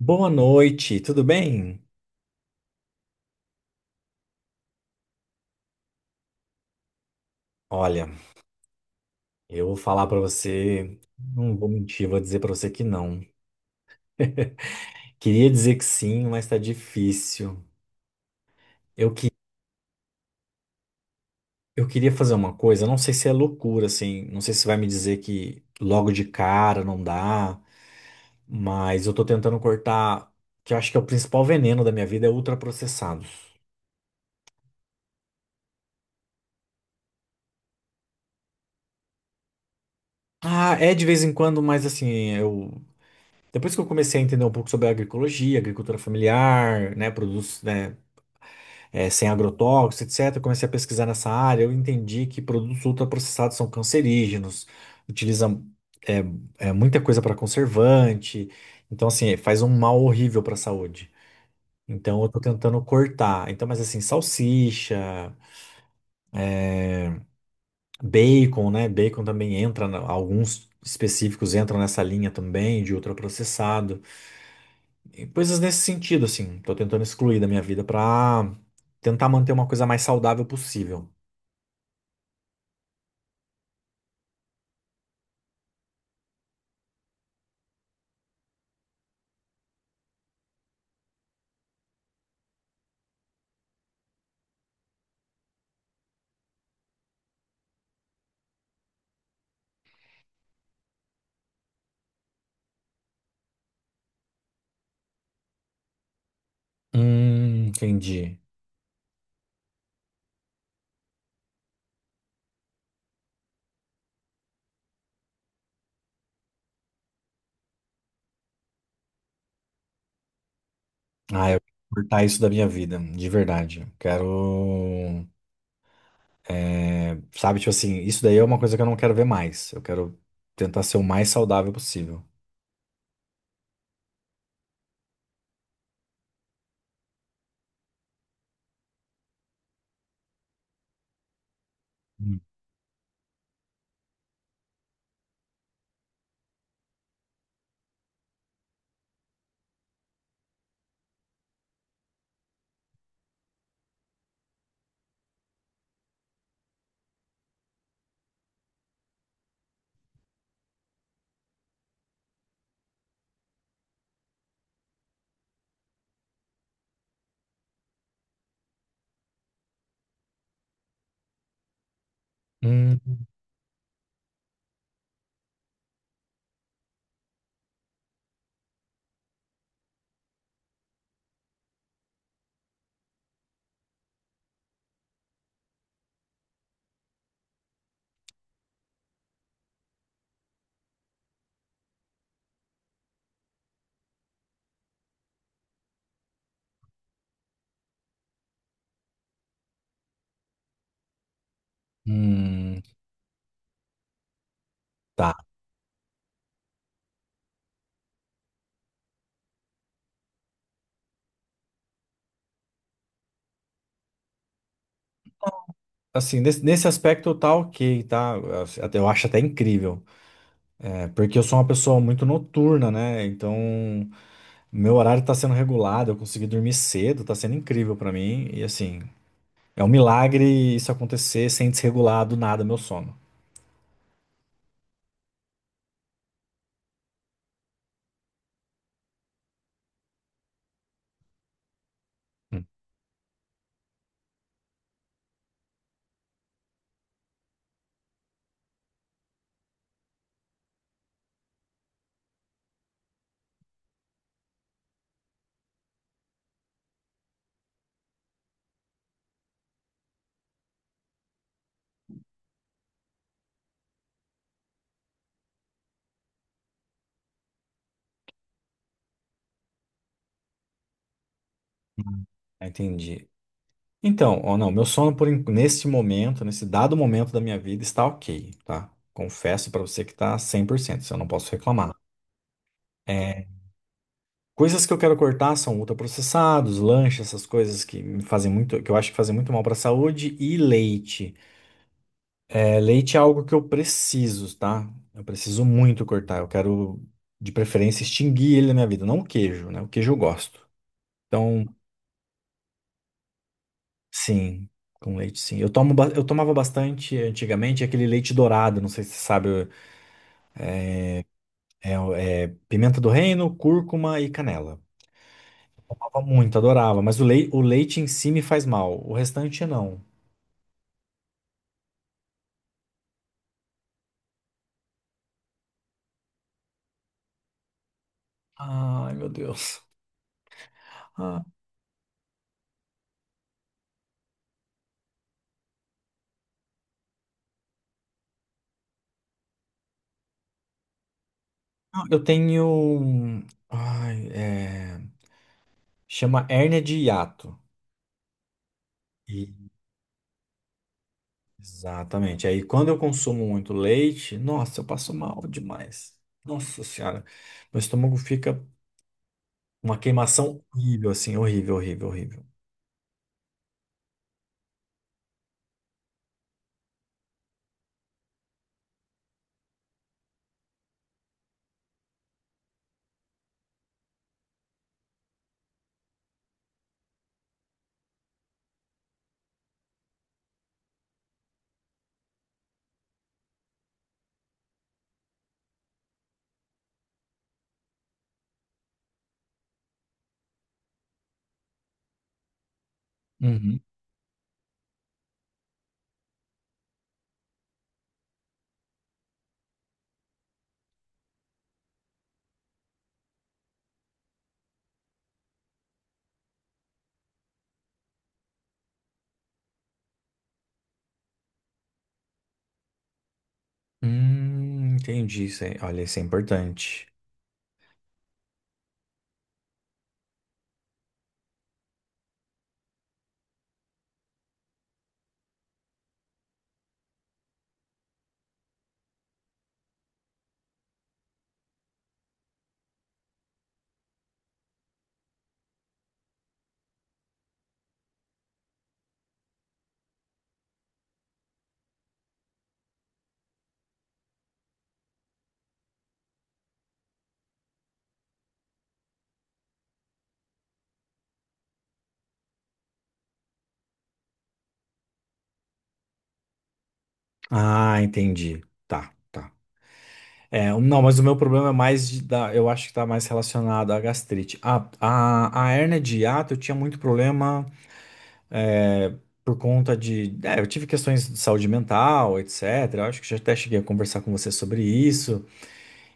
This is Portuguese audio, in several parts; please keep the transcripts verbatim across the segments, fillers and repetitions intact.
Boa noite, tudo bem? Olha, eu vou falar pra você, não vou mentir, vou dizer pra você que não. Queria dizer que sim, mas tá difícil. Eu, que, eu queria fazer uma coisa, não sei se é loucura, assim, não sei se vai me dizer que logo de cara não dá, mas eu tô tentando cortar, que eu acho que é o principal veneno da minha vida, é ultraprocessados. Ah, é de vez em quando, mas assim, eu. Depois que eu comecei a entender um pouco sobre a agroecologia, agricultura familiar, né, produtos, né, eh, sem agrotóxicos, et cetera. Eu comecei a pesquisar nessa área, eu entendi que produtos ultraprocessados são cancerígenos, utilizam eh, eh, muita coisa para conservante, então assim, faz um mal horrível para a saúde. Então eu tô tentando cortar. Então, mas assim, salsicha, bacon, né? Bacon também entra, na- alguns específicos entram nessa linha também de ultraprocessado. E coisas nesse sentido, assim, tô tentando excluir da minha vida para tentar manter uma coisa mais saudável possível. Hum, entendi. Ah, eu quero cortar isso da minha vida, de verdade. Eu Quero, é, sabe, tipo assim, isso daí é uma coisa que eu não quero ver mais. Eu quero tentar ser o mais saudável possível. Hum, hum, hum, tá. Assim, nesse, nesse aspecto tá ok, tá? assim, Até- Eu acho até incrível. É, porque eu sou uma pessoa muito noturna, né? Então, meu horário tá sendo regulado, eu consegui dormir cedo, tá sendo incrível pra mim. E assim, é um milagre isso acontecer sem desregular do nada meu sono. Hum. Ah, entendi. Então, ou não, meu sono por en- neste momento, nesse dado momento da minha vida está ok, tá? Confesso pra você que tá cem por cento, isso eu não posso reclamar. É, coisas que eu quero cortar são ultraprocessados, lanche, essas coisas que me fazem muito, que eu acho que fazem muito mal pra saúde e leite. É, leite é algo que eu preciso, tá? Eu preciso muito cortar. Eu quero, de preferência, extinguir ele na minha vida, não o queijo, né? O queijo eu gosto. Então sim, com leite, sim. Eu tomo, ba- eu tomava bastante antigamente aquele leite dourado, não sei se você sabe, é, o- é pimenta do reino, cúrcuma e canela. Tomava muito, adorava, mas o, lei, o leite em si me faz mal, o restante não. Ai, meu Deus. Ah, não, eu tenho. um- Ai, é, chama hérnia de hiato. E- Exatamente. Aí quando eu consumo muito leite, nossa, eu passo mal demais. Nossa Senhora, meu estômago fica. Uma queimação horrível, assim, horrível, horrível, horrível. Uhum. Hum, entendi. Isso é- olha, isso é importante. Ah, entendi. Tá, tá. É, o- não, mas o meu problema é mais de, da, eu acho que tá mais relacionado à gastrite. A, a, a hérnia de hiato, eu tinha muito problema é, por conta de. É, eu tive questões de saúde mental, et cetera. Eu acho que já até cheguei a conversar com você sobre isso.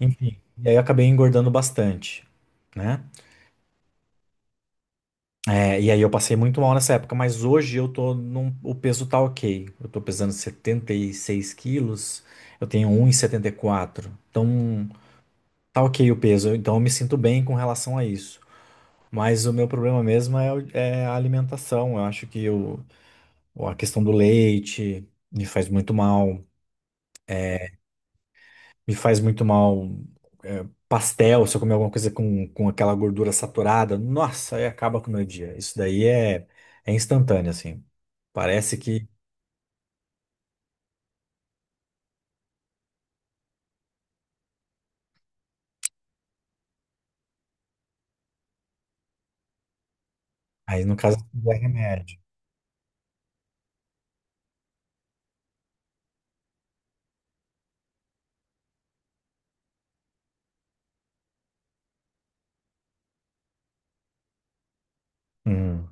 Enfim, e aí eu acabei engordando bastante, né? É, e aí eu passei muito mal nessa época, mas hoje eu tô num, o peso tá ok. Eu tô pesando setenta e seis quilos, eu tenho um e e setenta e quatro. Então tá ok o peso, então eu me sinto bem com relação a isso. Mas o meu problema mesmo é, o- é a alimentação. Eu acho que o, a questão do leite me faz muito mal. Me faz muito mal é, pastel, se eu comer alguma coisa com, com aquela gordura saturada, nossa, aí acaba com o meu dia. Isso daí é, é instantâneo, assim. Parece que aí, no caso, é remédio. Hum.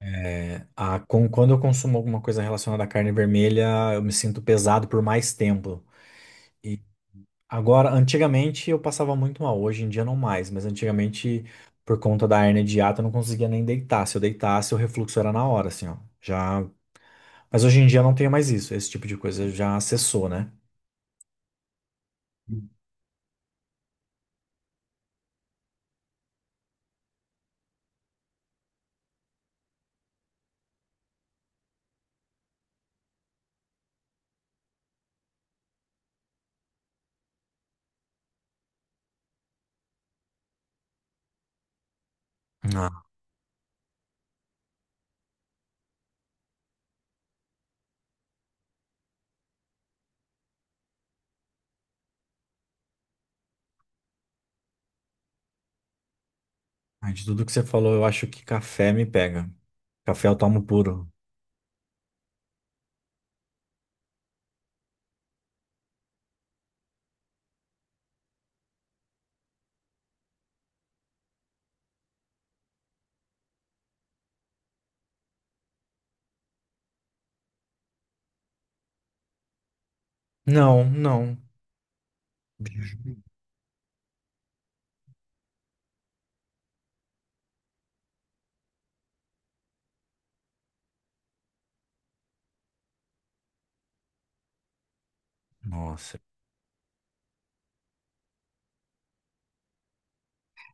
É, A, com, quando eu consumo alguma coisa relacionada à carne vermelha, eu me sinto pesado por mais tempo. E agora, antigamente eu passava muito mal, hoje em dia não mais, mas antigamente, por conta da hérnia de hiato, eu não conseguia nem deitar. Se eu deitasse, o refluxo era na hora, assim, ó. Já... Mas hoje em dia eu não tenho mais isso, esse tipo de coisa já cessou, né? Ah, de tudo que você falou, eu acho que café me pega. Café eu tomo puro. Não, não. Nossa.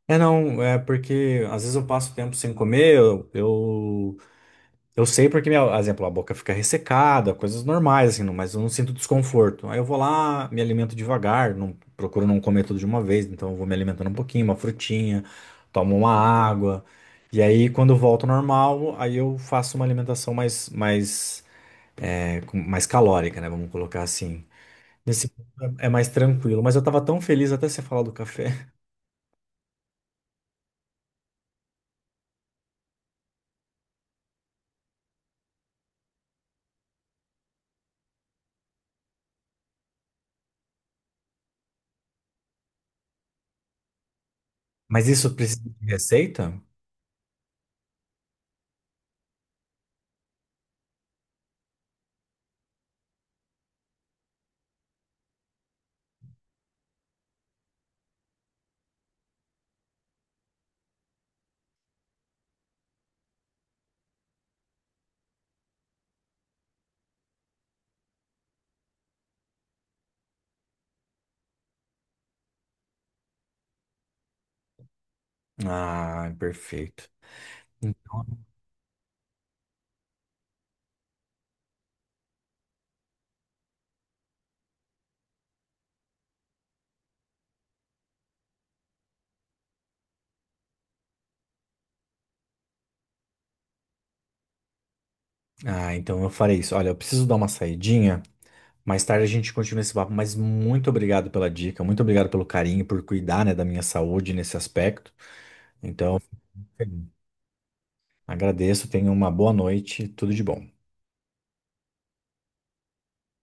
É, não, é porque às vezes eu passo tempo sem comer, eu, eu, eu sei porque, minha, por exemplo, a boca fica ressecada, coisas normais, assim, não- mas eu não sinto desconforto. Aí eu vou lá, me alimento devagar, não, procuro não comer tudo de uma vez, então eu vou me alimentando um pouquinho, uma frutinha, tomo uma água, e aí quando eu volto ao normal, aí eu faço uma alimentação mais, mais, é, com- mais calórica, né, vamos colocar assim. Nesse ponto é é mais tranquilo, mas eu tava tão feliz até você falar do café. Mas isso precisa de receita? Ah, perfeito. Então- ah, então eu farei isso. Olha, eu preciso dar uma saidinha. Mais tarde a gente continua esse papo, mas muito obrigado pela dica, muito obrigado pelo carinho, por cuidar, né, da minha saúde nesse aspecto. Então, agradeço, tenha uma boa noite, tudo de bom.